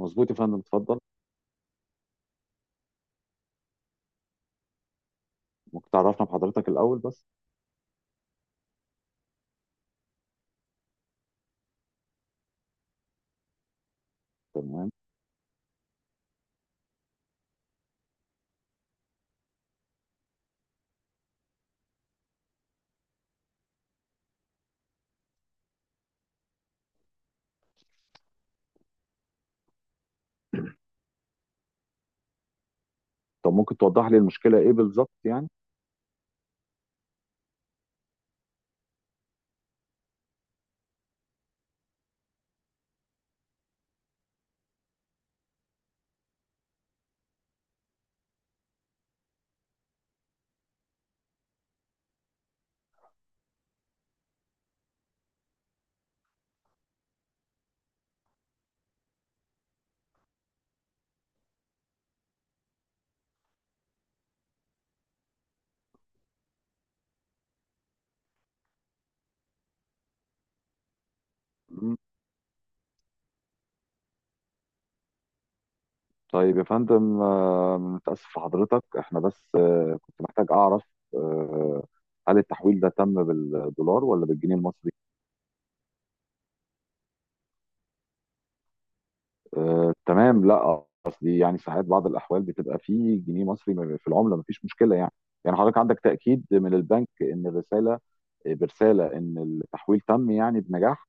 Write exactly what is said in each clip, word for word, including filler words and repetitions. مظبوط يا فندم، اتفضل. ممكن تعرفنا بحضرتك الأول بس؟ تمام. طب ممكن توضح لي المشكلة إيه بالظبط يعني؟ مم. طيب يا فندم، آه، متأسف في حضرتك. إحنا بس آه، كنت محتاج أعرف آه، هل التحويل ده تم بالدولار ولا بالجنيه المصري؟ آه، تمام. لا قصدي يعني ساعات بعض الأحوال بتبقى فيه جنيه مصري م- في العملة، مفيش مشكلة يعني. يعني حضرتك عندك تأكيد من البنك إن الرسالة، آه، برسالة إن التحويل تم يعني بنجاح؟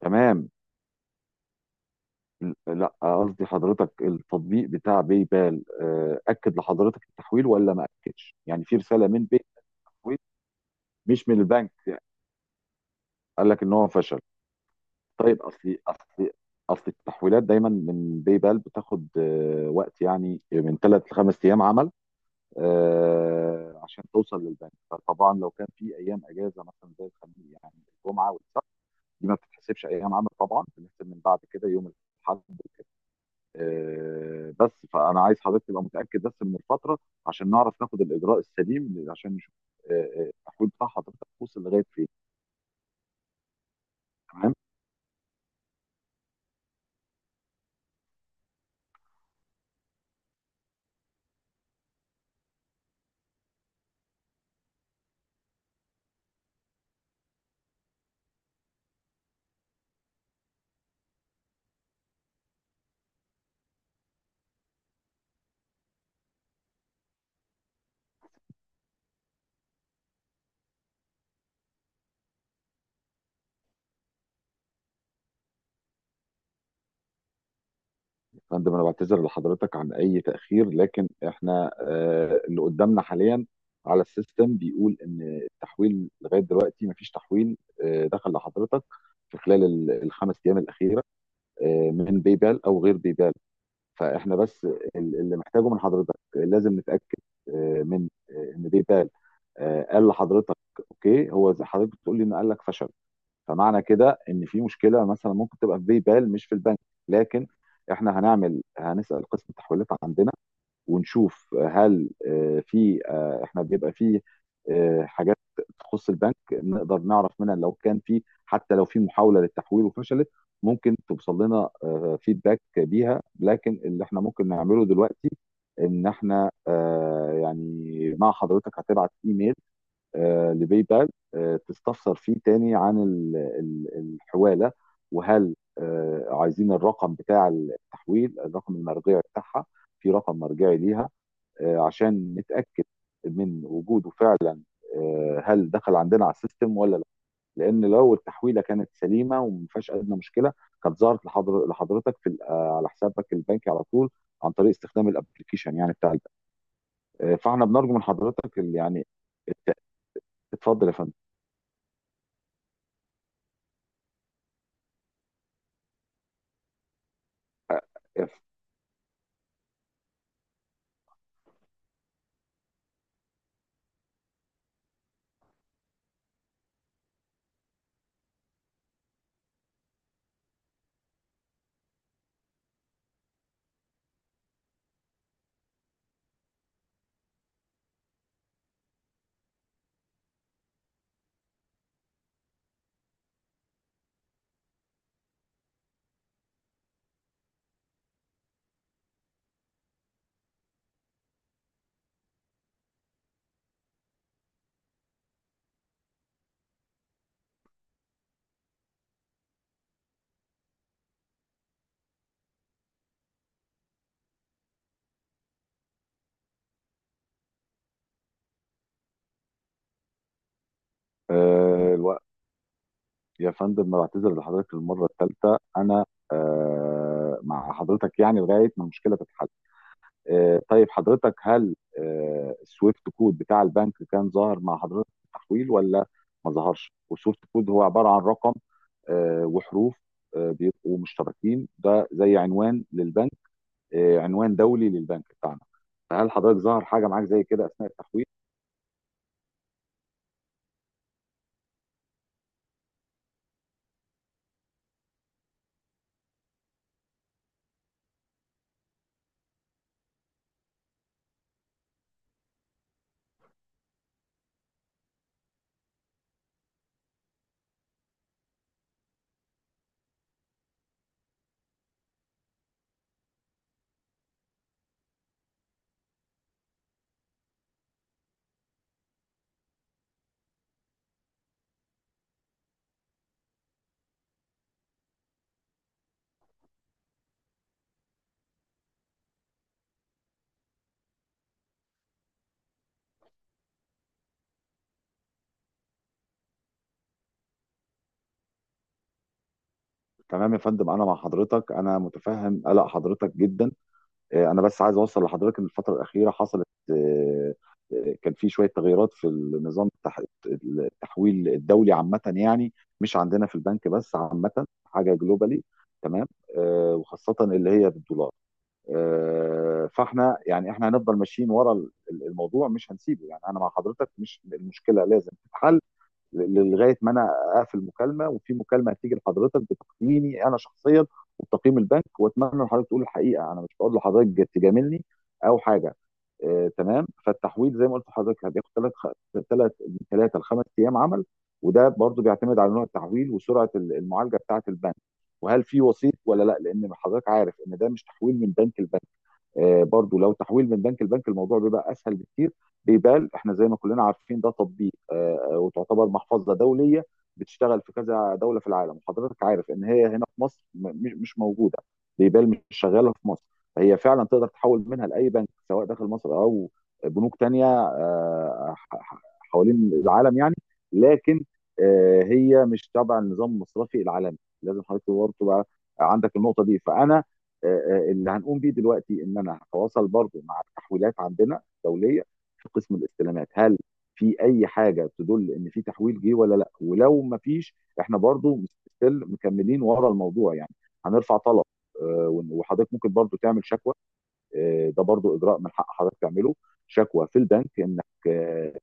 تمام. لا قصدي حضرتك، التطبيق بتاع باي بال آه، اكد لحضرتك التحويل ولا ما اكدش؟ يعني في رساله من باي بال، مش من البنك. قال لك ان هو فشل؟ طيب، اصلي اصلي اصل التحويلات دايما من باي بال بتاخد آه، وقت يعني من ثلاث لخمس ايام عمل، آه، عشان توصل للبنك. فطبعا لو كان في ايام اجازه مثلا زي الخميس، يعني الجمعه والسبت، دي ما بتتحسبش ايام عمل. طبعا بنحسب من بعد كده يوم الاحد. آه، بس فانا عايز حضرتك تبقى متاكد بس من الفتره، عشان نعرف ناخد الاجراء السليم، عشان نشوف آه، آه، التحويل بتاع حضرتك وصل لغايه فين. تمام يا فندم، انا بعتذر لحضرتك عن اي تاخير، لكن احنا آه، اللي قدامنا حاليا على السيستم بيقول ان التحويل لغايه دلوقتي مفيش تحويل آه، دخل لحضرتك في خلال ال- الخمس ايام الاخيره، آه، من باي بال او غير باي بال. فاحنا بس ال- اللي محتاجه من حضرتك لازم نتاكد آه، من آه، ان بيتقال آه، قال لحضرتك. اوكي، هو زي حضرتك بتقول لي انه قال لك فشل، فمعنى كده ان في مشكله مثلا ممكن تبقى في بيبال، مش في البنك. لكن احنا هنعمل هنسال قسم التحويلات عندنا ونشوف هل آه، في آه، احنا بيبقى في آه، حاجات تخص البنك، نقدر نعرف منها لو كان في، حتى لو في محاولة للتحويل وفشلت ممكن توصل لنا فيدباك بيها. لكن اللي احنا ممكن نعمله دلوقتي ان احنا آه، يعني مع حضرتك هتبعت ايميل آه، لباي بال آه، تستفسر فيه تاني عن ال- ال- الحوالة. وهل آه، عايزين الرقم بتاع التحويل، الرقم المرجعي بتاعها، في رقم مرجعي ليها آه، عشان نتاكد من وجوده فعلا، آه، هل دخل عندنا على السيستم ولا لا. لان لو التحويله كانت سليمه وما فيهاش ادنى مشكله، كانت ظهرت لحضر- لحضرتك في ال- آه، على حسابك البنكي على طول، عن طريق استخدام الابلكيشن يعني بتاع البنك. آه، فاحنا بنرجو من حضرتك ال- يعني الت- اتفضل يا فندم. آه، الوقت يا فندم، بعتذر لحضرتك المره الثالثه. انا آه، مع حضرتك يعني لغايه ما المشكله تتحل. آه، طيب حضرتك، هل آه، السويفت كود بتاع البنك كان ظاهر مع حضرتك في التحويل ولا ما ظهرش؟ والسويفت كود هو عبارة عن رقم آه، وحروف آه، بيبقوا مشتركين، ده زي عنوان للبنك، آه، عنوان دولي للبنك بتاعنا. فهل حضرتك ظهر حاجة معاك زي كده أثناء التحويل؟ تمام يا فندم، أنا مع حضرتك. أنا متفهم قلق حضرتك جدا. آه، انا بس عايز اوصل لحضرتك ان الفتره الاخيره حصلت آه، آه، كان في شويه تغييرات في النظام التح- التحويل الدولي عامه يعني، مش عندنا في البنك بس، عامه حاجه جلوبالي. تمام. آه، وخاصه اللي هي بالدولار. آه، فاحنا يعني احنا هنفضل ماشيين ورا ال- الموضوع، مش هنسيبه يعني. انا مع حضرتك، مش المشكله لازم تتحل ل- لغايه ما انا اقفل مكالمه، وفي مكالمه هتيجي لحضرتك بتقييمي انا شخصيا وبتقييم البنك. واتمنى ان حضرتك تقول الحقيقه، انا مش بقول لحضرتك جت- تجاملني او حاجه. آه، تمام. فالتحويل زي ما قلت لحضرتك هتاخد ثلاث ثلاث من ثلاثه لخمس ايام عمل. وده برضو بيعتمد على نوع التحويل وسرعه ال- المعالجه بتاعه البنك، وهل في وسيط ولا لا، لان حضرتك عارف ان ده مش تحويل من بنك لبنك. آه، برضو لو تحويل من بنك لبنك، الموضوع بيبقى اسهل بكتير. بيبال احنا زي ما كلنا عارفين ده تطبيق آه، آه، وتعتبر محفظه دوليه، بتشتغل في كذا دوله في العالم. وحضرتك عارف ان هي هنا في مصر م- مش مش موجوده. بيبال مش شغاله في مصر. فهي فعلا تقدر تحول منها لاي بنك، سواء داخل مصر او بنوك تانية آه، ح- ح- حوالين العالم يعني. لكن آه، هي مش تبع النظام المصرفي العالمي، لازم حضرتك برضه تبقى عندك النقطه دي. فانا آه، آه، اللي هنقوم بيه دلوقتي ان انا هتواصل برضو مع التحويلات عندنا الدوليه في قسم الاستلامات، هل في اي حاجه تدل ان في تحويل جه ولا لا. ولو ما فيش، احنا برضو ستيل مكملين ورا الموضوع يعني، هنرفع طلب. آه، وإن- وحضرتك ممكن برضو تعمل شكوى. آه، ده برضو اجراء من حق حضرتك تعمله، شكوى في البنك، انك آه،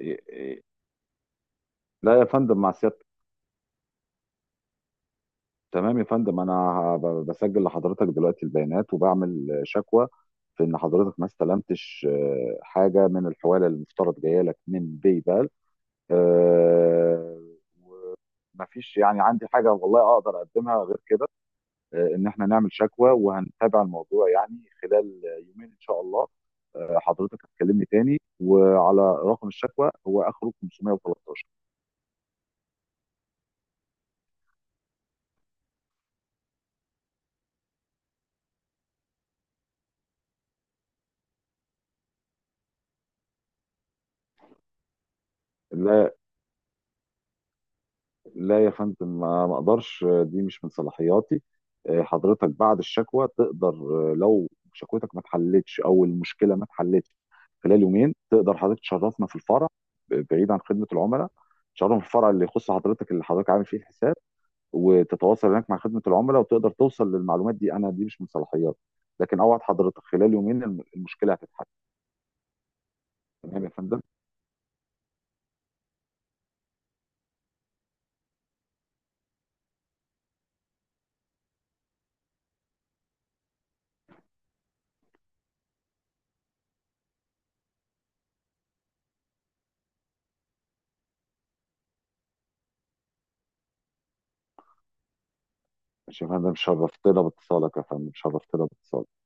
آه، آه، لا يا فندم، مع سيادة. تمام يا فندم، انا ه- بسجل لحضرتك دلوقتي البيانات وبعمل شكوى في ان حضرتك ما استلمتش آه، حاجه من الحواله اللي المفترض جايه لك من باي بال. ما فيش يعني عندي حاجه والله اقدر اقدمها غير كده، آه، ان احنا نعمل شكوى. وهنتابع الموضوع يعني خلال يومين ان شاء الله. آه، حضرتك هتكلمني تاني، وعلى رقم الشكوى، هو اخره خمسمية وتلتاشر. لا يا فندم، ما ما اقدرش، دي مش من صلاحياتي. آه، حضرتك بعد الشكوى تقدر، آه، لو شكوتك ما اتحلتش او المشكله ما اتحلتش خلال يومين، تقدر حضرتك تشرفنا في الفرع، ب- بعيد عن خدمه العملاء. تشرفنا في الفرع اللي يخص حضرتك، اللي حضرتك عامل فيه الحساب، وتتواصل هناك مع خدمه العملاء وتقدر توصل للمعلومات دي. انا دي مش من صلاحياتي، لكن اوعد حضرتك خلال يومين الم- المشكله هتتحل. تمام يا فندم. ماشي يا فندم، شرفتنا باتصالك يا فندم، شرفتنا باتصالك.